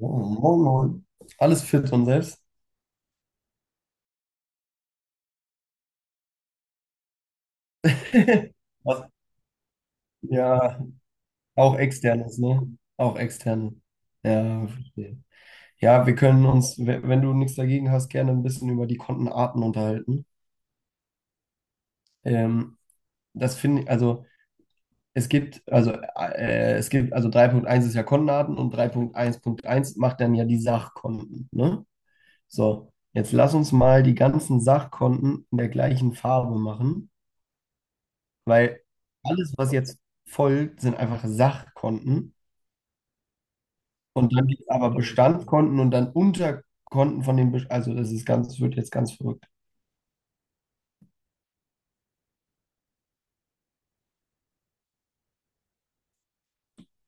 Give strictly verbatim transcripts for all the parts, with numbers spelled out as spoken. Moin, moin, moin. Alles fit und selbst? Was? Ja, auch externes, ne? Auch externe. Ja, verstehe. Ja, wir können uns, we- wenn du nichts dagegen hast, gerne ein bisschen über die Kontenarten unterhalten. Ähm, Das finde ich, also es gibt, also äh, es gibt, also drei Punkt eins ist ja Kontenarten und drei Punkt eins Punkt eins macht dann ja die Sachkonten, ne? So, jetzt lass uns mal die ganzen Sachkonten in der gleichen Farbe machen. Weil alles, was jetzt folgt, sind einfach Sachkonten. Und dann gibt es aber Bestandskonten und dann Unterkonten von den Bestand. Also das ist ganz, wird jetzt ganz verrückt.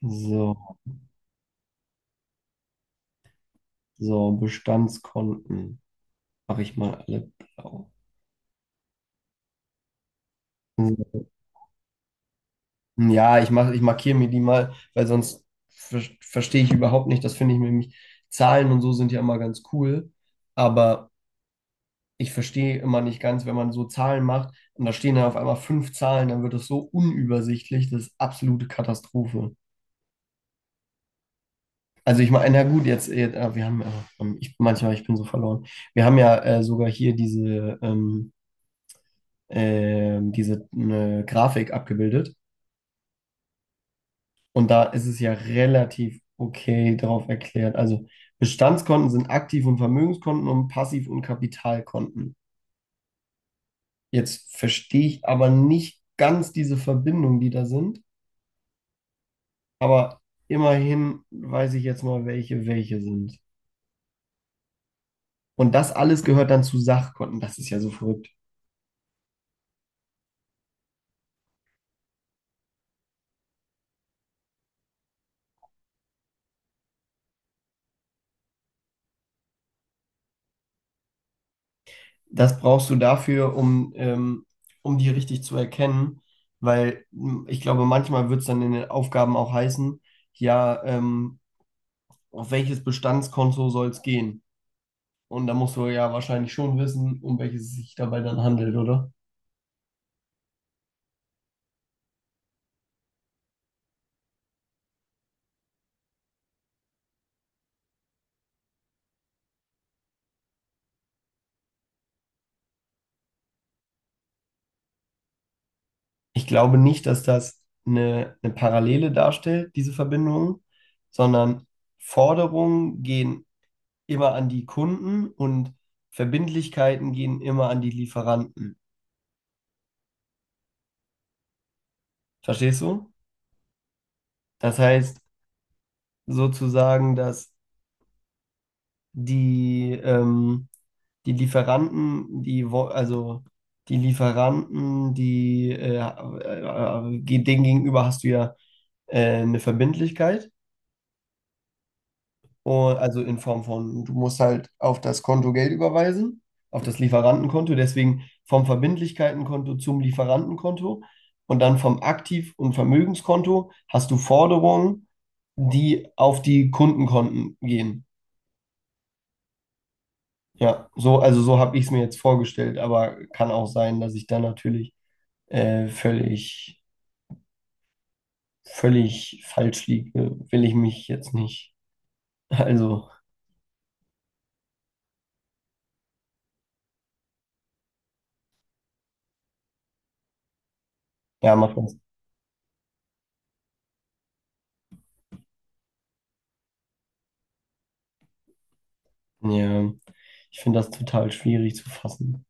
So, so, Bestandskonten. Mache ich mal alle blau. So. Ja, ich mach, ich markiere mir die mal, weil sonst ver verstehe ich überhaupt nicht. Das finde ich nämlich, Zahlen und so sind ja immer ganz cool. Aber ich verstehe immer nicht ganz, wenn man so Zahlen macht und da stehen dann auf einmal fünf Zahlen, dann wird das so unübersichtlich, das ist absolute Katastrophe. Also ich meine, na gut, jetzt, jetzt äh, wir haben, äh, ähm, ich, manchmal, ich bin so verloren. Wir haben ja äh, sogar hier diese, ähm, äh, diese ne, Grafik abgebildet und da ist es ja relativ okay drauf erklärt. Also Bestandskonten sind Aktiv- und Vermögenskonten und Passiv- und Kapitalkonten. Jetzt verstehe ich aber nicht ganz diese Verbindungen, die da sind. Aber immerhin weiß ich jetzt mal, welche welche sind. Und das alles gehört dann zu Sachkonten. Das ist ja so verrückt. Das brauchst du dafür, um, ähm, um die richtig zu erkennen, weil m, ich glaube, manchmal wird es dann in den Aufgaben auch heißen, ja, ähm, auf welches Bestandskonto soll es gehen? Und da musst du ja wahrscheinlich schon wissen, um welches es sich dabei dann handelt, oder? Ich glaube nicht, dass das eine, eine Parallele darstellt, diese Verbindung, sondern Forderungen gehen immer an die Kunden und Verbindlichkeiten gehen immer an die Lieferanten. Verstehst du? Das heißt sozusagen, dass die, ähm, die Lieferanten, die, wo- also die Lieferanten, die, äh, äh, äh, denen gegenüber hast du ja äh, eine Verbindlichkeit. Und, also in Form von, du musst halt auf das Konto Geld überweisen, auf das Lieferantenkonto, deswegen vom Verbindlichkeitenkonto zum Lieferantenkonto und dann vom Aktiv- und Vermögenskonto hast du Forderungen, die auf die Kundenkonten gehen. Ja, so, also so habe ich es mir jetzt vorgestellt, aber kann auch sein, dass ich da natürlich äh, völlig, völlig falsch liege. Will ich mich jetzt nicht. Also, ja, mach das. Ja, ich finde das total schwierig zu fassen.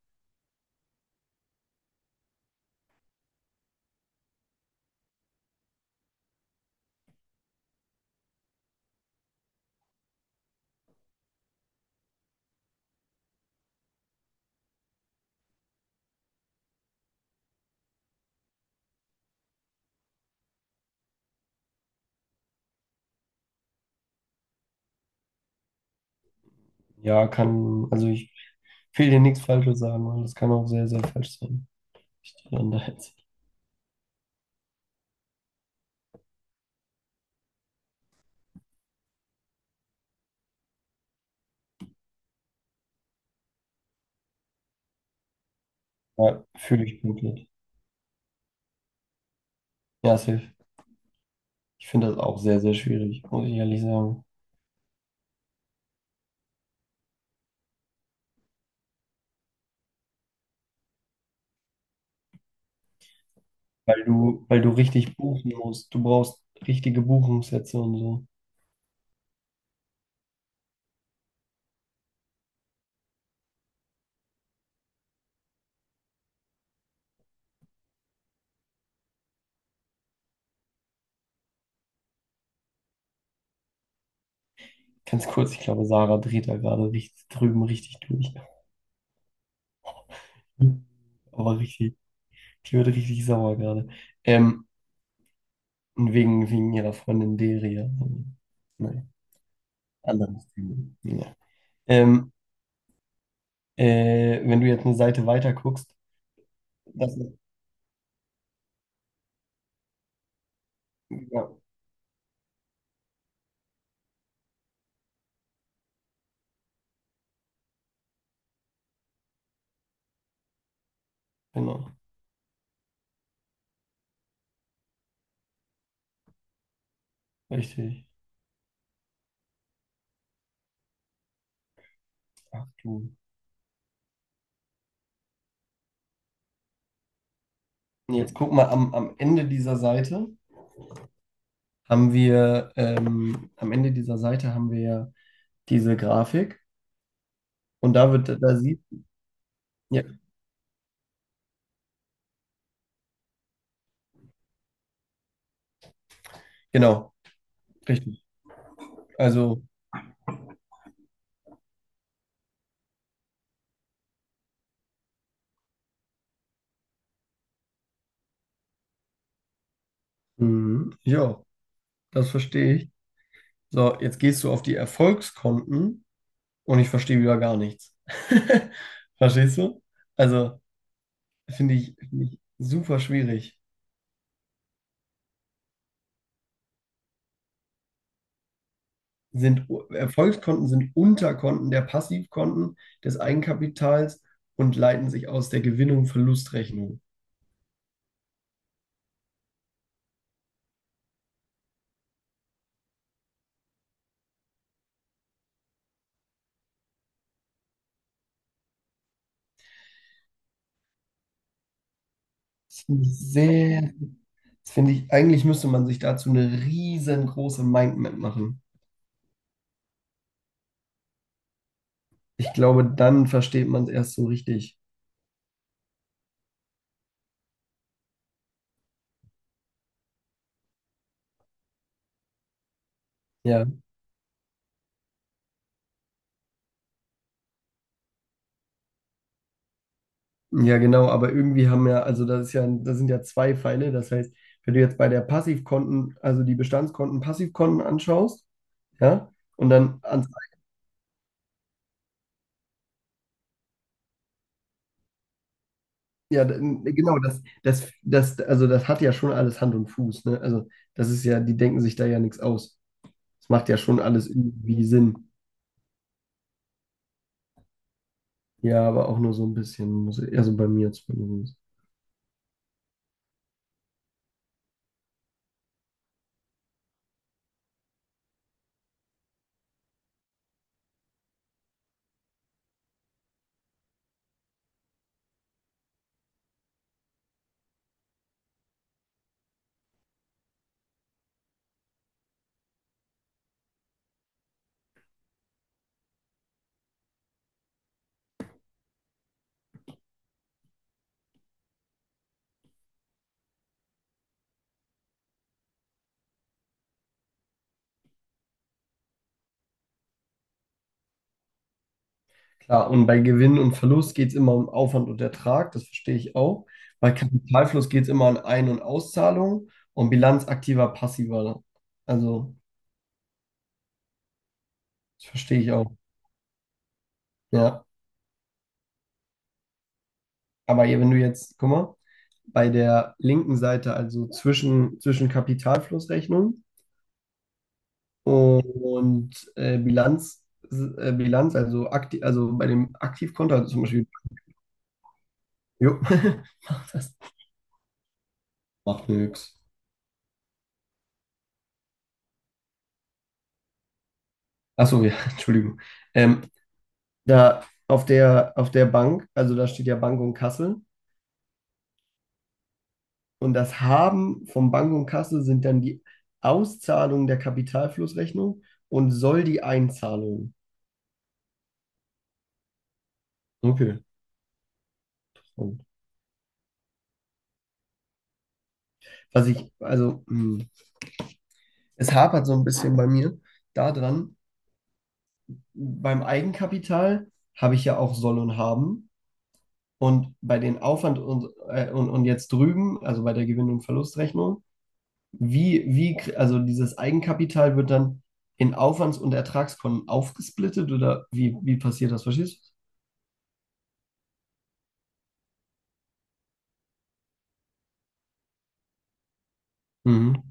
Ja, kann, also ich will dir nichts Falsches sagen, weil das kann auch sehr, sehr falsch sein. Ich die dann da jetzt. Ja, fühle ich komplett. Ja, safe. Ich finde das auch sehr, sehr schwierig, muss ich ehrlich sagen. Weil du, weil du richtig buchen musst. Du brauchst richtige Buchungssätze und so. Ganz kurz, ich glaube, Sarah dreht da gerade richtig drüben richtig durch. Aber richtig, die wird richtig sauer gerade. Ähm, und wegen, wegen ihrer Freundin Deria. Nein, anderes Thema. Ja. Ähm, Äh, wenn du jetzt eine Seite weiter guckst, das ist, ja, genau, richtig. Ach du. Nee, jetzt guck mal, am, am Ende dieser Seite haben wir, ähm, am Ende dieser Seite haben wir ja diese Grafik und da wird, da sieht, ja, genau, richtig. Also, mhm, ja, das verstehe ich. So, jetzt gehst du auf die Erfolgskonten und ich verstehe wieder gar nichts. Verstehst du? Also, finde ich, finde ich super schwierig. Sind Erfolgskonten sind Unterkonten der Passivkonten des Eigenkapitals und leiten sich aus der Gewinnung Verlustrechnung. Das finde ich sehr, das finde ich, eigentlich müsste man sich dazu eine riesengroße Mindmap machen. Ich glaube, dann versteht man es erst so richtig. Ja, ja, genau, aber irgendwie haben ja, also das ist ja, das sind ja zwei Pfeile. Das heißt, wenn du jetzt bei der Passivkonten, also die Bestandskonten, Passivkonten anschaust, ja, und dann ans. Ja, d- n- genau, das, das, das, also das hat ja schon alles Hand und Fuß, ne? Also das ist ja, die denken sich da ja nichts aus. Das macht ja schon alles irgendwie Sinn. Ja, aber auch nur so ein bisschen, muss ich, also bei mir zumindest. Klar, und bei Gewinn und Verlust geht es immer um Aufwand und Ertrag, das verstehe ich auch. Bei Kapitalfluss geht es immer um Ein- und Auszahlungen und Bilanz aktiver, passiver. Also, das verstehe ich auch. Ja. Aber hier, wenn du jetzt, guck mal, bei der linken Seite, also zwischen, zwischen Kapitalflussrechnung, und äh, Bilanz, äh, Bilanz, also aktiv, also bei dem Aktivkonto, also zum Beispiel, jo, macht das, macht nix. Achso, ja, Entschuldigung. Ähm, Da auf der, auf der Bank, also da steht ja Bank und Kasse. Und das Haben von Bank und Kasse sind dann die Auszahlung der Kapitalflussrechnung und soll die Einzahlung. Okay. Was ich, also, mh, es hapert so ein bisschen bei mir daran, beim Eigenkapital habe ich ja auch soll und haben. Und bei den Aufwand und, äh, und, und jetzt drüben, also bei der Gewinn- und Verlustrechnung, wie, wie, kr- also dieses Eigenkapital wird dann in Aufwands- und Ertragskonten aufgesplittet oder wie, wie passiert das? Verstehst du? Mhm.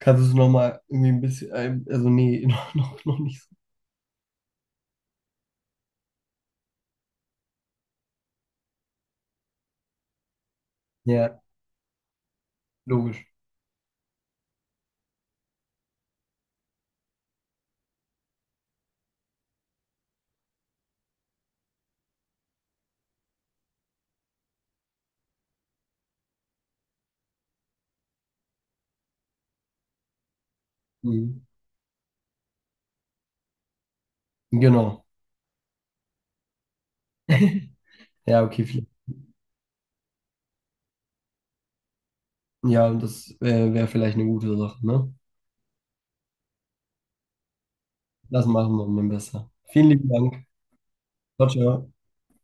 Kannst du es nochmal irgendwie ein bisschen, äh, also nee, noch, noch, noch nicht so. Ja, logisch. Mhm. Genau. Ja, okay, vielleicht. Ja, und das äh, wäre vielleicht eine gute Sache, ne? Das machen wir mal besser. Vielen lieben Dank. Ciao, ciao.